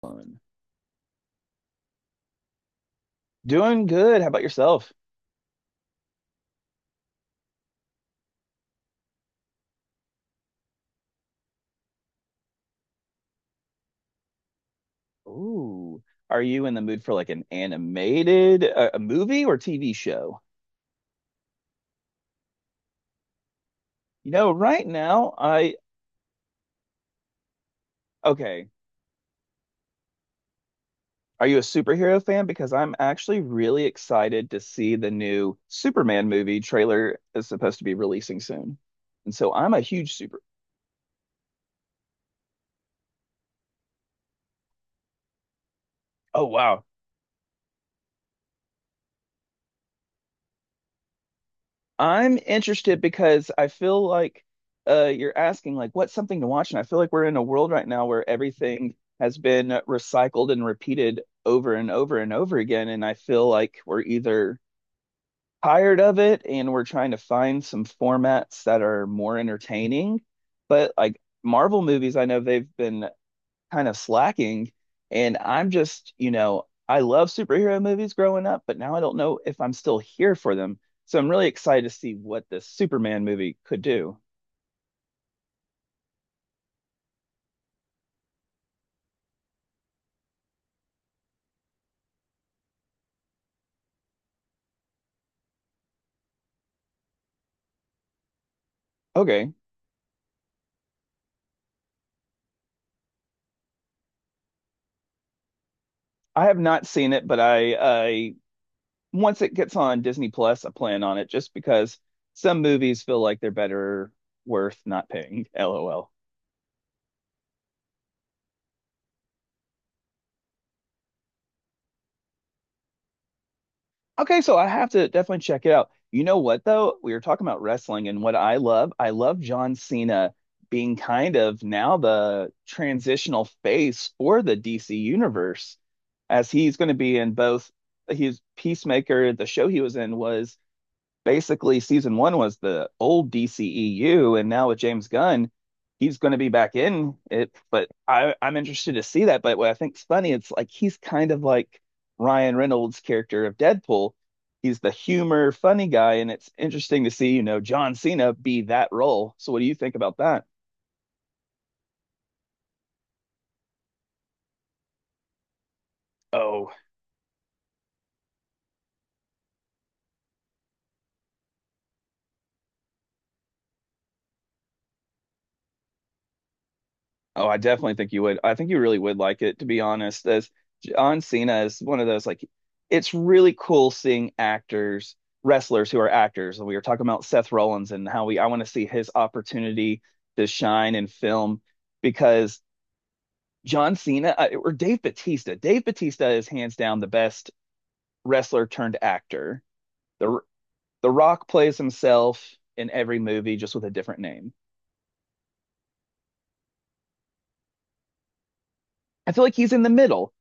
Fun. Doing good. How about yourself? Ooh. Are you in the mood for like an animated a movie or TV show? You know, right now I Okay. Are you a superhero fan? Because I'm actually really excited to see the new Superman movie trailer is supposed to be releasing soon. And so I'm a huge super. Oh wow, I'm interested because I feel like you're asking like what's something to watch, and I feel like we're in a world right now where everything has been recycled and repeated over and over and over again, and I feel like we're either tired of it and we're trying to find some formats that are more entertaining, but like Marvel movies, I know they've been kind of slacking. And I'm just, you know, I love superhero movies growing up, but now I don't know if I'm still here for them. So I'm really excited to see what this Superman movie could do. Okay. I have not seen it, but I once it gets on Disney Plus, I plan on it just because some movies feel like they're better worth not paying. LOL. Okay, so I have to definitely check it out. You know what though? We were talking about wrestling and what I love. I love John Cena being kind of now the transitional face for the DC universe, as he's going to be in both his Peacemaker, the show he was in was basically season one was the old DCEU, and now with James Gunn, he's going to be back in it. But I'm interested to see that. But what I think's funny, it's like he's kind of like Ryan Reynolds' character of Deadpool. He's the humor, funny guy, and it's interesting to see, you know, John Cena be that role. So what do you think about that? Oh, oh, I definitely think you would. I think you really would like it, to be honest. As John Cena is one of those, like, it's really cool seeing actors, wrestlers who are actors. We were talking about Seth Rollins and how we, I want to see his opportunity to shine in film because John Cena or Dave Batista, Dave Batista is hands down the best wrestler turned actor. The The Rock plays himself in every movie, just with a different name. I feel like he's in the middle.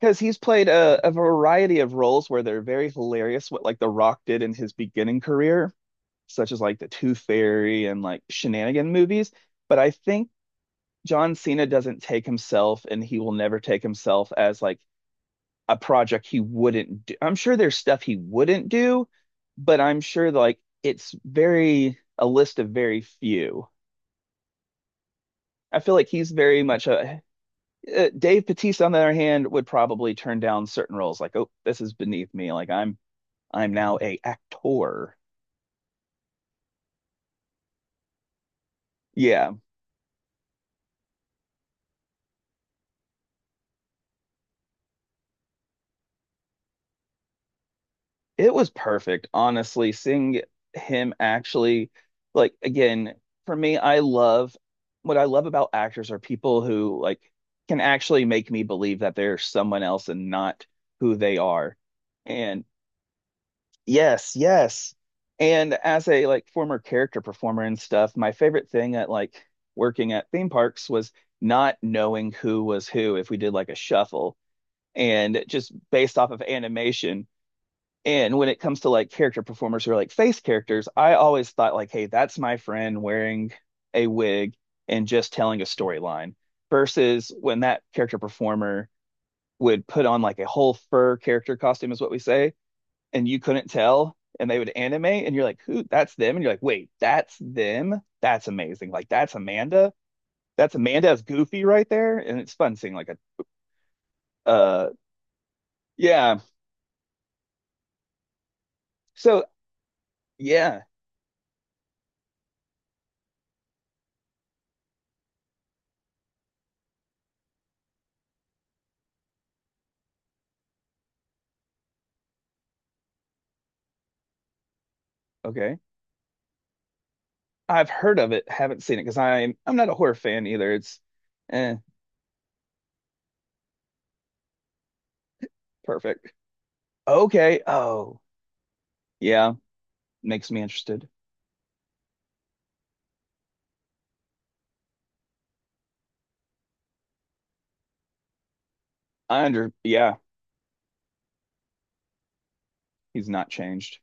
Because he's played a variety of roles where they're very hilarious, what like The Rock did in his beginning career, such as like the Tooth Fairy and like Shenanigan movies. But I think John Cena doesn't take himself and he will never take himself as like a project he wouldn't do. I'm sure there's stuff he wouldn't do, but I'm sure like it's very a list of very few. I feel like he's very much a Dave Bautista, on the other hand, would probably turn down certain roles like, oh, this is beneath me. Like I'm now a actor. Yeah, it was perfect. Honestly, seeing him actually, like, again, for me, I love what I love about actors are people who like can actually make me believe that they're someone else and not who they are. And yes, yes. And as a like former character performer and stuff, my favorite thing at like working at theme parks was not knowing who was who if we did like a shuffle, and just based off of animation. And when it comes to like character performers who are like face characters, I always thought like, hey, that's my friend wearing a wig and just telling a storyline. Versus when that character performer would put on like a whole fur character costume, is what we say, and you couldn't tell, and they would animate, and you're like, who? That's them, and you're like, wait, that's them. That's amazing. Like that's Amanda. That's Amanda as Goofy right there, and it's fun seeing like a uh yeah. So yeah, okay. I've heard of it, haven't seen it because I'm not a horror fan either. It's eh, perfect. Okay. Oh, yeah, makes me interested. I under yeah, he's not changed.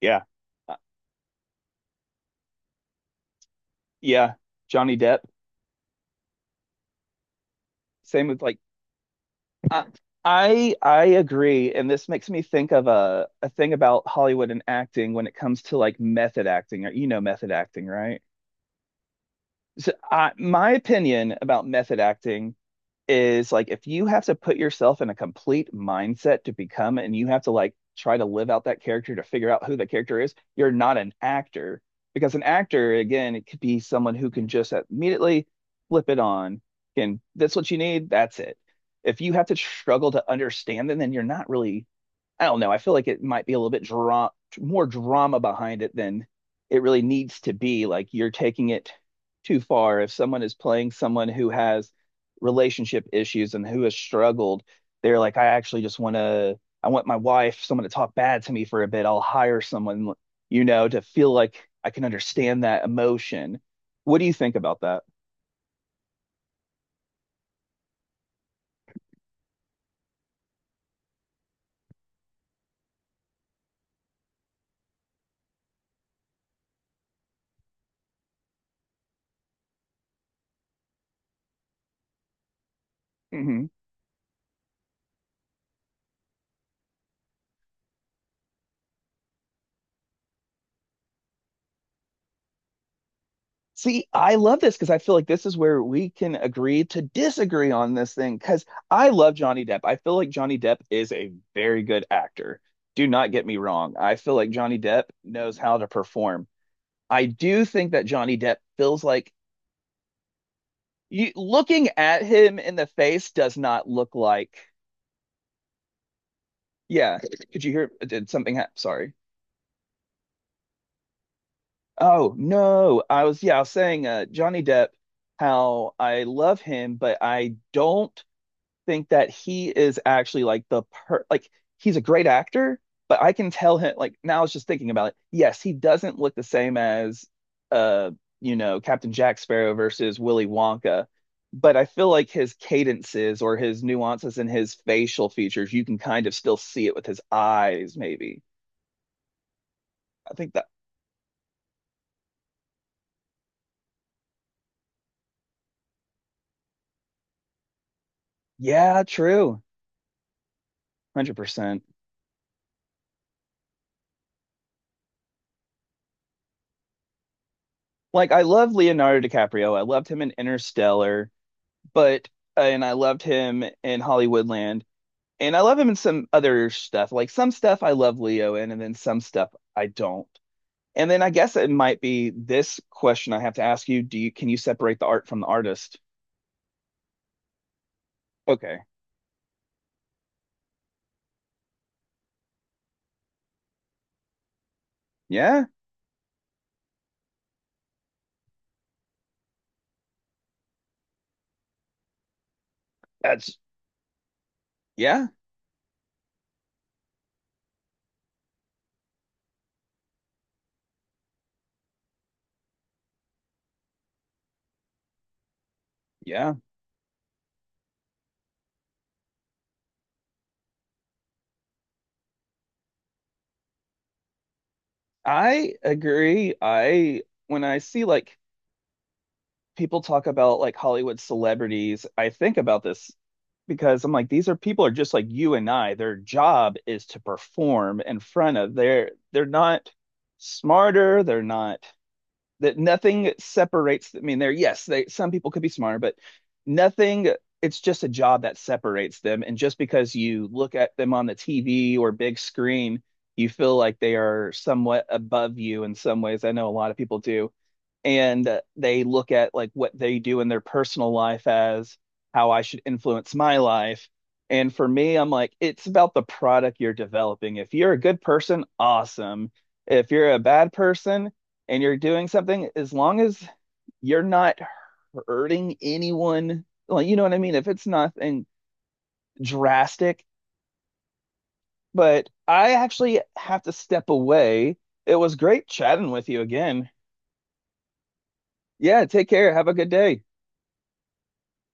Yeah, uh, yeah, Johnny Depp. Same with like I I agree, and this makes me think of a thing about Hollywood and acting when it comes to like method acting. You know method acting, right? So I, my opinion about method acting is like if you have to put yourself in a complete mindset to become and you have to like try to live out that character to figure out who the character is, you're not an actor. Because an actor, again, it could be someone who can just immediately flip it on. And that's what you need, that's it. If you have to struggle to understand them, then you're not really I don't know. I feel like it might be a little bit dra more drama behind it than it really needs to be. Like you're taking it too far. If someone is playing someone who has relationship issues and who has struggled, they're like, I actually just want to, I want my wife, someone to talk bad to me for a bit. I'll hire someone, you know, to feel like I can understand that emotion. What do you think about that? Mhm. See, I love this because I feel like this is where we can agree to disagree on this thing because I love Johnny Depp. I feel like Johnny Depp is a very good actor. Do not get me wrong. I feel like Johnny Depp knows how to perform. I do think that Johnny Depp feels like you looking at him in the face does not look like, yeah. Could you hear? Did something happen? Sorry. Oh, no. I was, yeah, I was saying Johnny Depp, how I love him, but I don't think that he is actually like the per like he's a great actor, but I can tell him like now I was just thinking about it. Yes, he doesn't look the same as uh you know Captain Jack Sparrow versus Willy Wonka, but I feel like his cadences or his nuances and his facial features, you can kind of still see it with his eyes, maybe. I think that yeah, true. 100%. Like I love Leonardo DiCaprio. I loved him in Interstellar, but and I loved him in Hollywoodland. And I love him in some other stuff. Like some stuff I love Leo in, and then some stuff I don't. And then I guess it might be this question I have to ask you. Do you can you separate the art from the artist? Okay. Yeah. That's yeah. Yeah. I agree. I when I see like people talk about like Hollywood celebrities, I think about this because I'm like, these are people are just like you and I. Their job is to perform in front of they're not smarter, they're not that nothing separates. I mean, they're yes, they some people could be smarter, but nothing, it's just a job that separates them. And just because you look at them on the TV or big screen, you feel like they are somewhat above you in some ways. I know a lot of people do, and they look at like what they do in their personal life as how I should influence my life. And for me, I'm like, it's about the product you're developing. If you're a good person, awesome. If you're a bad person and you're doing something, as long as you're not hurting anyone, like, you know what I mean? If it's nothing drastic, but I actually have to step away. It was great chatting with you again. Yeah, take care. Have a good day.